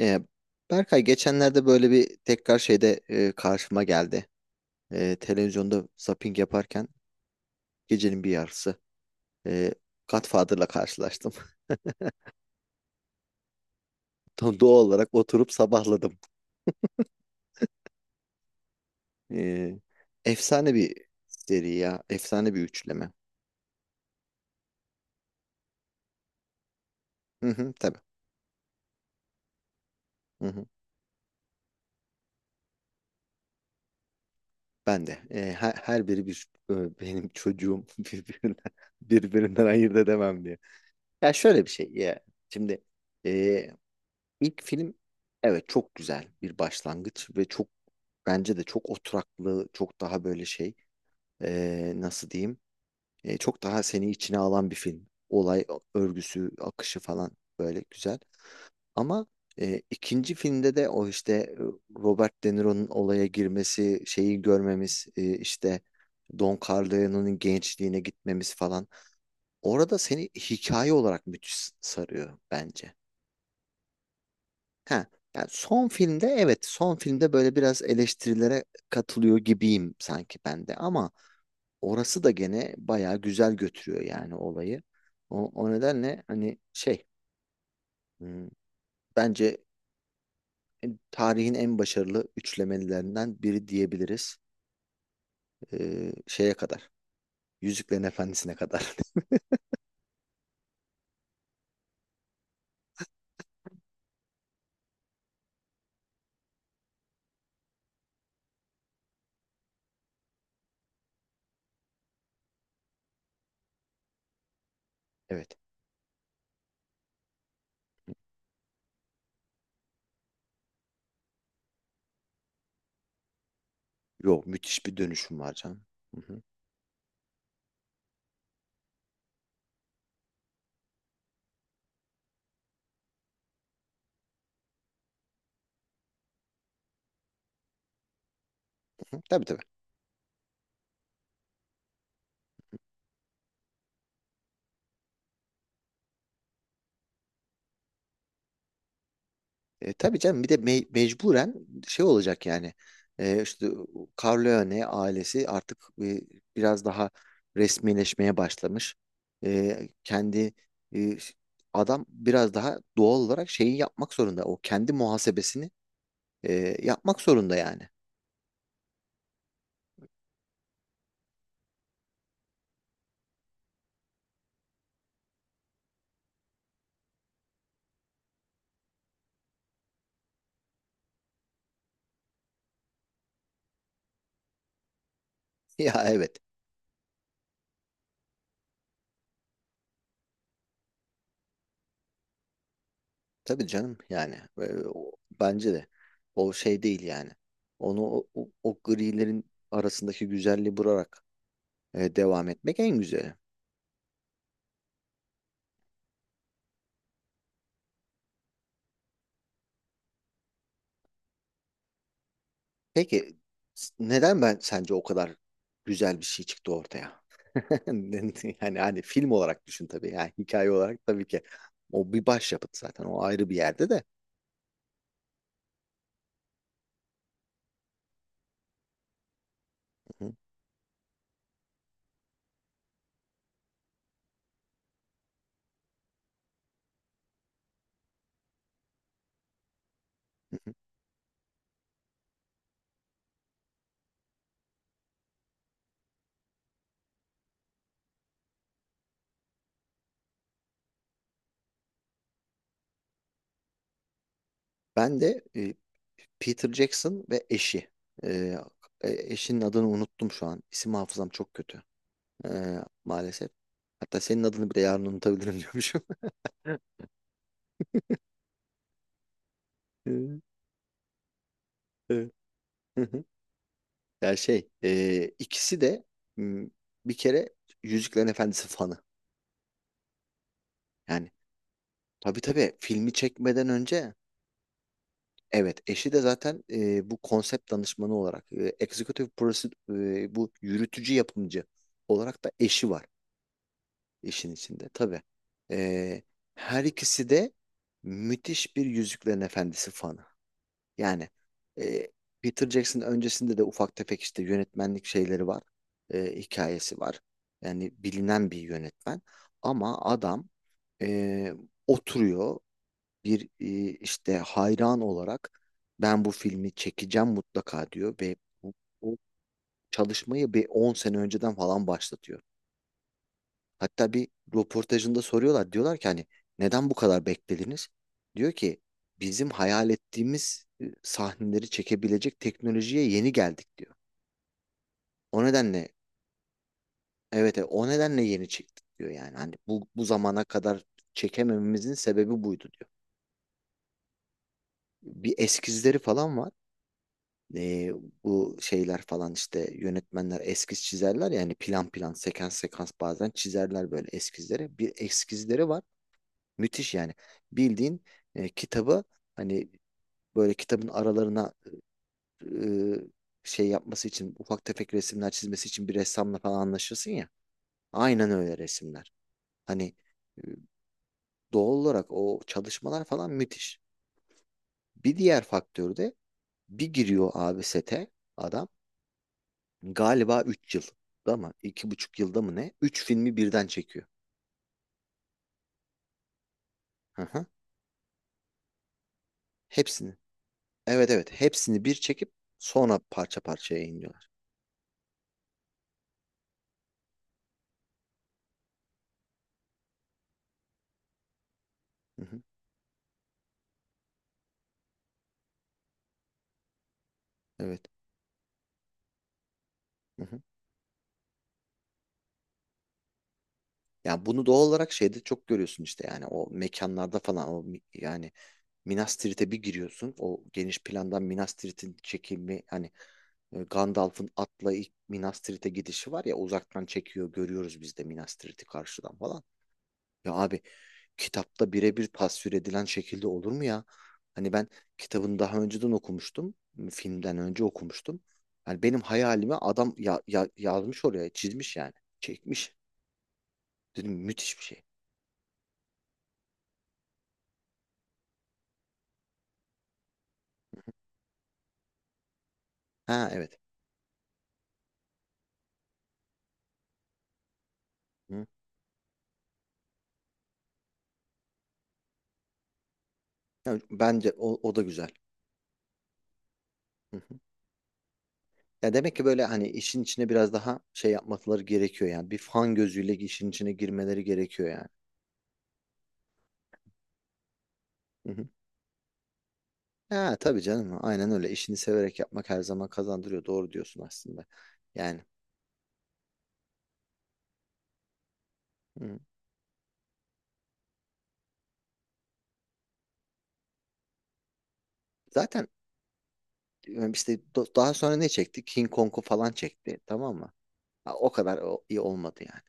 Ee, Berkay geçenlerde böyle bir tekrar şeyde, karşıma geldi. Televizyonda zapping yaparken gecenin bir yarısı e, Godfather'la karşılaştım. Doğal olarak oturup sabahladım. E, efsane bir seri ya. Efsane bir üçleme. Hı hı, tabii. Hı hı. Ben de. Her biri bir benim çocuğum birbirinden ayırt edemem diye. Ya şöyle bir şey ya. Şimdi e, İlk film, evet, çok güzel bir başlangıç ve çok, bence de çok oturaklı, çok daha böyle şey, nasıl diyeyim, çok daha seni içine alan bir film. Olay örgüsü, akışı falan böyle güzel. Ama ikinci filmde de o işte, Robert De Niro'nun olaya girmesi, şeyi görmemiz, işte Don Corleone'nin gençliğine gitmemiz falan. Orada seni hikaye olarak müthiş sarıyor bence. Ha, yani son filmde, evet, son filmde böyle biraz eleştirilere katılıyor gibiyim sanki ben de, ama orası da gene bayağı güzel götürüyor yani olayı. O nedenle hani şey, hmm, bence tarihin en başarılı üçlemelerinden biri diyebiliriz. Şeye kadar. Yüzüklerin Efendisi'ne kadar. Evet. Yo, müthiş bir dönüşüm var canım. Hı hı. Hı, tabii tabii. Tabii canım, bir de mecburen şey olacak yani. E, işte Corleone ailesi artık e, biraz daha resmileşmeye başlamış. E, kendi e, Adam biraz daha doğal olarak şeyi yapmak zorunda. O kendi muhasebesini yapmak zorunda yani. Ya, evet. Tabii canım yani. Ee, o- Bence de. O şey değil yani. Onu o grilerin arasındaki güzelliği bularak devam etmek en güzeli. Peki, neden ben sence o kadar güzel bir şey çıktı ortaya? Yani hani film olarak düşün tabii, yani hikaye olarak tabii ki o bir başyapıt zaten, o ayrı bir yerde de. Hı hı, hı hı. Ben de, Peter Jackson ve eşi. Ee, Eşinin adını unuttum şu an. İsim hafızam çok kötü. Ee, Maalesef. Hatta senin adını bile yarın unutabilirim diyormuşum. Hı, evet. Hı hı. Ya şey, ikisi de, m, bir kere Yüzüklerin Efendisi fanı. Yani tabii tabii, filmi çekmeden önce, evet, eşi de zaten bu konsept danışmanı olarak, bu yürütücü yapımcı olarak da eşi var. İşin içinde tabii. Ee, her ikisi de müthiş bir Yüzüklerin Efendisi fanı. Yani, e, Peter Jackson öncesinde de ufak tefek işte yönetmenlik şeyleri var. Hikayesi var. Yani bilinen bir yönetmen. Ama adam, e, oturuyor bir işte hayran olarak, ben bu filmi çekeceğim mutlaka, diyor ve bu, bu çalışmayı bir 10 sene önceden falan başlatıyor. Hatta bir röportajında soruyorlar. Diyorlar ki hani, neden bu kadar beklediniz? Diyor ki, bizim hayal ettiğimiz sahneleri çekebilecek teknolojiye yeni geldik, diyor. O nedenle, evet, o nedenle yeni çıktık diyor yani. Hani bu zamana kadar çekemememizin sebebi buydu diyor. Bir eskizleri falan var. E, bu şeyler falan işte, yönetmenler eskiz çizerler yani, plan plan sekans sekans bazen çizerler böyle eskizleri. Bir eskizleri var. Müthiş yani. Bildiğin, kitabı hani böyle kitabın aralarına e, şey yapması için, ufak tefek resimler çizmesi için bir ressamla falan anlaşırsın ya. Aynen öyle resimler. Hani, e, doğal olarak o çalışmalar falan müthiş. Bir diğer faktör de, bir giriyor abi sete adam, galiba 3 yıl da mı, 2,5 yılda mı ne, 3 filmi birden çekiyor. Hı hı. Hepsini. Evet evet, hepsini bir çekip sonra parça parça yayınlıyorlar. Hı hı. Evet. Hı hı. Yani bunu doğal olarak şeyde çok görüyorsun işte, yani o mekanlarda falan, o yani Minas Tirith'e bir giriyorsun, o geniş plandan Minas Tirith'in çekimi hani, Gandalf'ın atla ilk Minas Tirith'e gidişi var ya, uzaktan çekiyor, görüyoruz biz de Minas Tirith'i karşıdan falan. Ya abi, kitapta birebir tasvir edilen şekilde olur mu ya? Hani ben kitabını daha önceden okumuştum. Filmden önce okumuştum. Yani benim hayalime adam ya, yazmış oraya, çizmiş yani. Çekmiş. Dedim, müthiş bir şey. Ha, evet. Hı. Ya bence o da güzel. Hı hı. Ya demek ki böyle hani işin içine biraz daha şey yapmaları gerekiyor yani. Bir fan gözüyle işin içine girmeleri gerekiyor yani. Hı hı. Ha, tabii canım. Aynen öyle. İşini severek yapmak her zaman kazandırıyor. Doğru diyorsun aslında. Yani. Hı. Zaten, işte, daha sonra ne çekti? King Kong'u falan çekti. Tamam mı? Ha, o kadar iyi olmadı yani.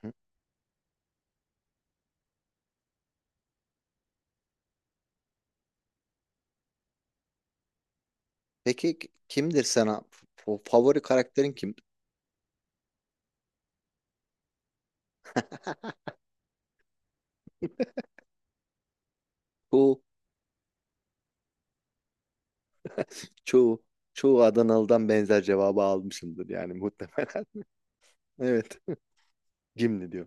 Hı hı. Peki, kimdir sana? Favori karakterin kim? Bu Çoğu çoğu Adanalı'dan benzer cevabı almışımdır yani muhtemelen. Evet. Gimli diyor.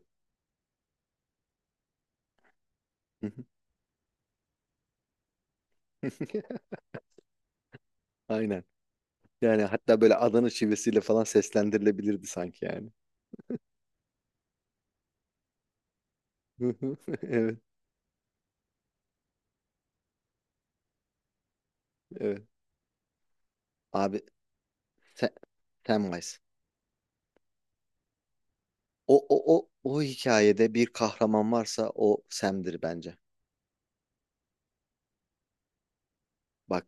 Aynen. Yani hatta böyle Adana şivesiyle falan seslendirilebilirdi sanki yani. Evet, evet. Abi Sam, Samwise. O hikayede bir kahraman varsa o Sam'dir bence. Bak,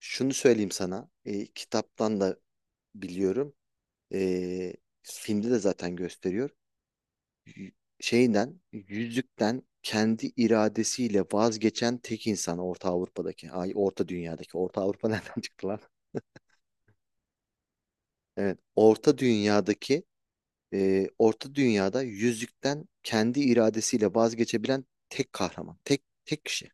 şunu söyleyeyim sana. Kitaptan da biliyorum. E, Filmde de zaten gösteriyor. y- Şeyden, yüzükten kendi iradesiyle vazgeçen tek insan Orta Avrupa'daki, ay, Orta Dünya'daki, Orta Avrupa nereden çıktı lan? Evet, Orta Dünya'daki, Orta Dünya'da yüzükten kendi iradesiyle vazgeçebilen tek kahraman, tek kişi.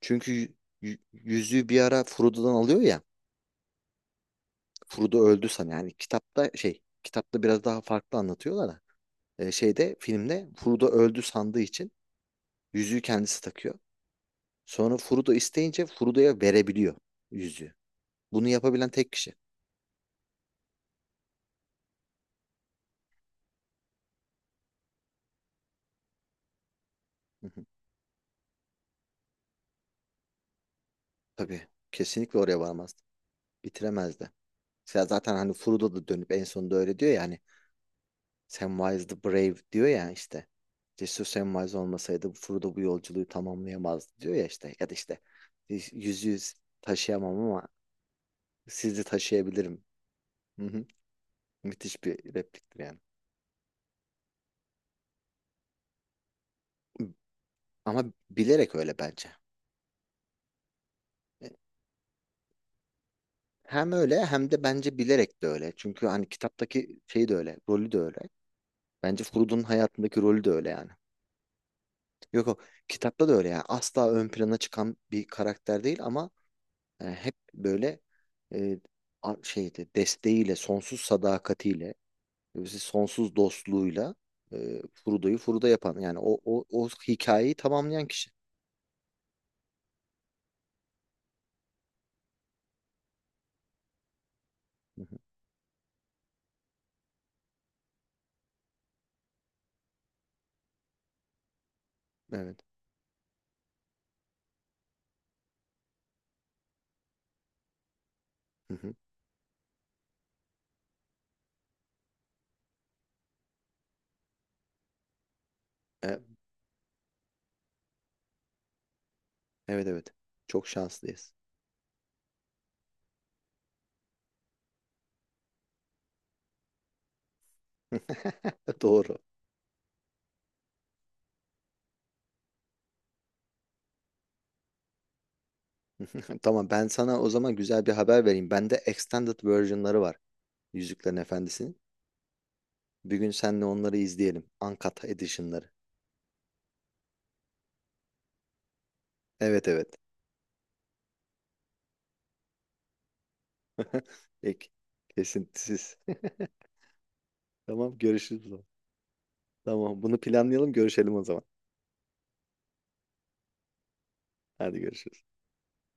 Çünkü yüzüğü bir ara Frodo'dan alıyor ya, Frodo öldü san yani, kitapta şey, kitapta biraz daha farklı anlatıyorlar da, şeyde filmde Frodo öldü sandığı için yüzüğü kendisi takıyor. Sonra Furuda isteyince Furuda'ya verebiliyor yüzüğü. Bunu yapabilen tek kişi. Hı hı. Tabii, kesinlikle oraya varmazdı. Bitiremezdi. Ya zaten hani Furuda da dönüp en sonunda öyle diyor ya hani, Samwise the Brave diyor ya işte. Cesur Samwise olmasaydı Furuda bu yolculuğu tamamlayamazdı diyor ya işte. Ya da işte, yüzüğü taşıyamam ama sizi taşıyabilirim. Hı hı. Müthiş bir repliktir yani. Ama bilerek öyle bence. Hem öyle hem de bence bilerek de öyle. Çünkü hani kitaptaki şey de öyle, rolü de öyle. Bence Frodo'nun hayatındaki rolü de öyle yani. Yok, o kitapta da öyle yani. Asla ön plana çıkan bir karakter değil ama, hep böyle e, şeyde, desteğiyle, sonsuz sadakatiyle, sonsuz dostluğuyla, Frodo'yu Frodo yapan, yani o hikayeyi tamamlayan kişi. Hı hı, evet. Hı hı. E, Evet evet. Çok şanslıyız. Doğru. Tamam, ben sana o zaman güzel bir haber vereyim. Bende extended version'ları var. Yüzüklerin Efendisi'nin. Bir gün seninle onları izleyelim. Uncut edition'ları. Evet evet. Peki. Kesintisiz. Tamam, görüşürüz o zaman. Tamam, bunu planlayalım, görüşelim o zaman. Hadi, görüşürüz.